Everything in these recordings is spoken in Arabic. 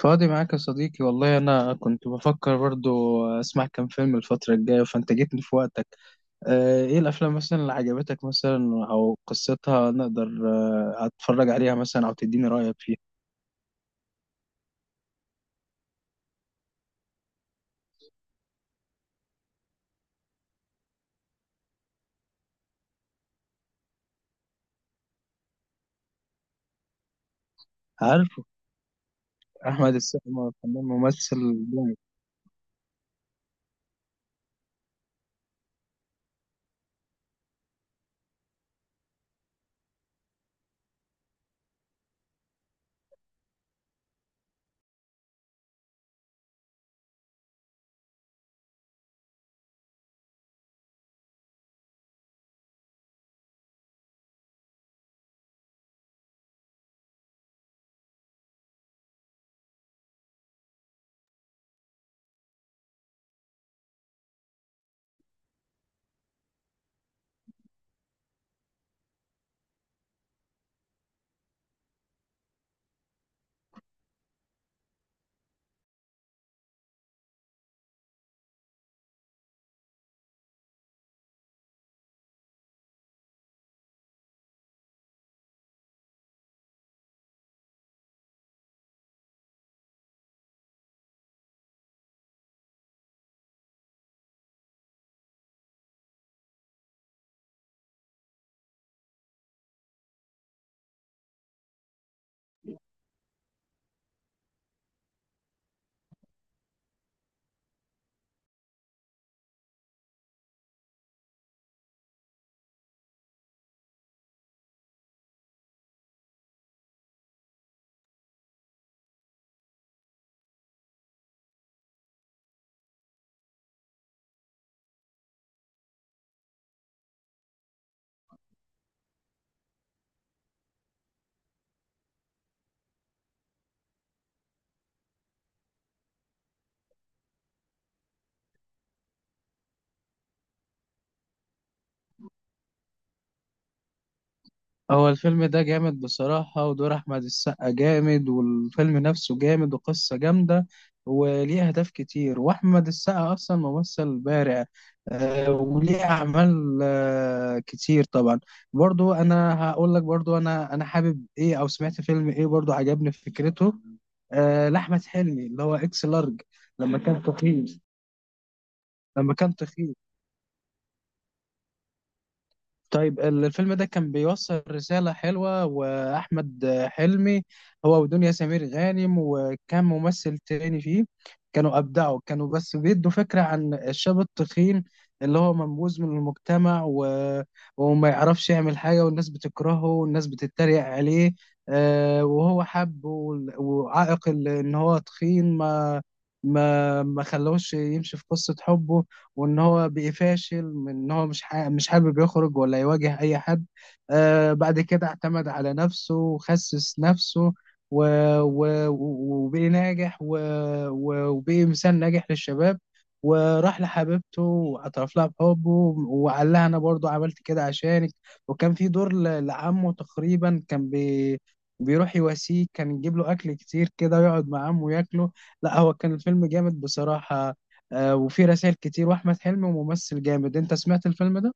فاضي معاك يا صديقي، والله أنا كنت بفكر برضو أسمع كام فيلم الفترة الجاية، فأنت جيتني في وقتك. إيه الأفلام مثلا اللي عجبتك، مثلا أو قصتها نقدر أتفرج عليها مثلا أو تديني رأيك فيها؟ عارف. أحمد السقا فنان ممثل. هو الفيلم ده جامد بصراحة، ودور أحمد السقا جامد، والفيلم نفسه جامد وقصة جامدة، وليه أهداف كتير، وأحمد السقا أصلا ممثل بارع. وليه أعمال كتير طبعا. برضو أنا هقول لك، برضو أنا حابب إيه، أو سمعت فيلم إيه برضو عجبني فكرته. لأحمد حلمي، اللي هو إكس لارج، لما كان تخين لما كان تخين. طيب الفيلم ده كان بيوصل رسالة حلوة، وأحمد حلمي هو ودنيا سمير غانم، وكان ممثل تاني فيه. كانوا أبدعوا، كانوا بس بيدوا فكرة عن الشاب التخين اللي هو منبوذ من المجتمع وما يعرفش يعمل حاجة، والناس بتكرهه والناس بتتريق عليه. وهو حب وعائق إن هو تخين ما خلوش يمشي في قصة حبه، وان هو بيفاشل من ان هو مش حابب يخرج ولا يواجه اي حد. بعد كده اعتمد على نفسه وخسس نفسه و... وبقي ناجح وبقي مثال ناجح للشباب، وراح لحبيبته واعترف لها بحبه وقال لها انا برضو عملت كده عشانك. وكان في دور لعمه تقريبا، كان بيروح يواسيه، كان يجيب له اكل كتير كده ويقعد مع عمه ياكله. لا، هو كان الفيلم جامد بصراحة. وفي رسائل كتير، واحمد حلمي ممثل جامد. انت سمعت الفيلم ده؟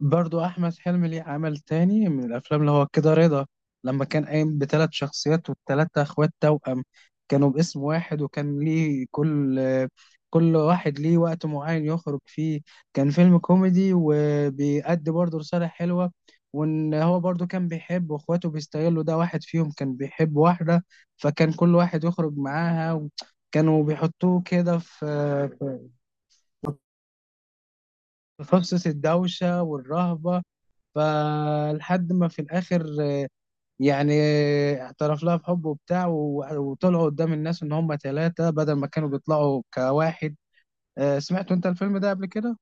برضو احمد حلمي ليه عمل تاني من الافلام، اللي هو كده رضا، لما كان قايم بثلاث شخصيات، والثلاثه اخوات توأم، كانوا باسم واحد، وكان ليه كل واحد ليه وقت معين يخرج فيه. كان فيلم كوميدي وبيأدي برضو رسالة حلوة. وان هو برضو كان بيحب، واخواته بيستغلوا ده. واحد فيهم كان بيحب واحدة، فكان كل واحد يخرج معاها، كانوا بيحطوه كده في تخصص الدوشة والرهبة. فلحد ما في الآخر يعني اعترف لها بحبه وبتاع، وطلعوا قدام الناس إن هم ثلاثة بدل ما كانوا بيطلعوا كواحد. سمعت أنت الفيلم ده قبل كده؟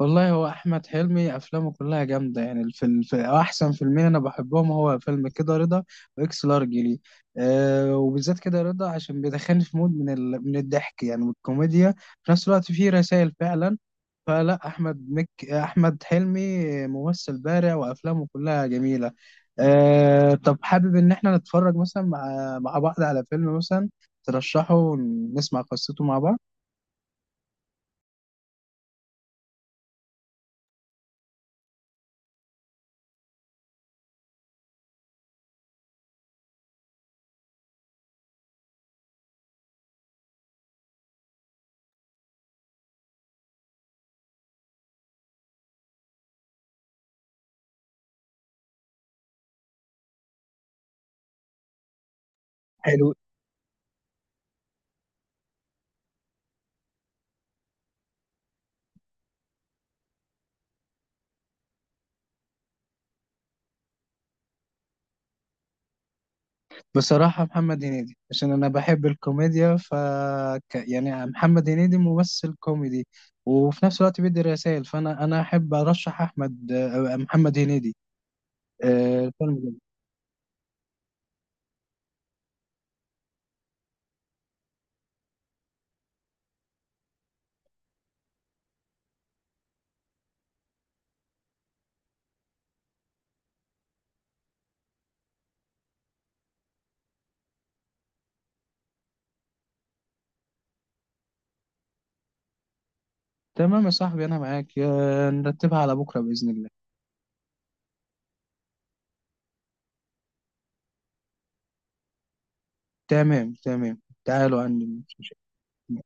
والله هو احمد حلمي افلامه كلها جامده، يعني الفيلم في احسن فيلمين انا بحبهم هو فيلم كده رضا واكس لارج لي. وبالذات كده رضا، عشان بيدخلني في مود من الضحك، يعني من الكوميديا. في نفس الوقت فيه رسائل فعلا. فلا احمد مك احمد حلمي ممثل بارع وافلامه كلها جميله. طب حابب ان احنا نتفرج مثلا مع بعض على فيلم مثلا ترشحه ونسمع قصته مع بعض. بصراحة محمد هنيدي، عشان أنا بحب الكوميديا، يعني محمد هنيدي ممثل كوميدي، وفي نفس الوقت بيدي رسائل. فأنا أحب أرشح أحمد آه، محمد هنيدي. الفيلم ده. تمام يا صاحبي، أنا معاك، نرتبها على بكرة بإذن الله. تمام، تمام، تعالوا عندي، مش مشكلة.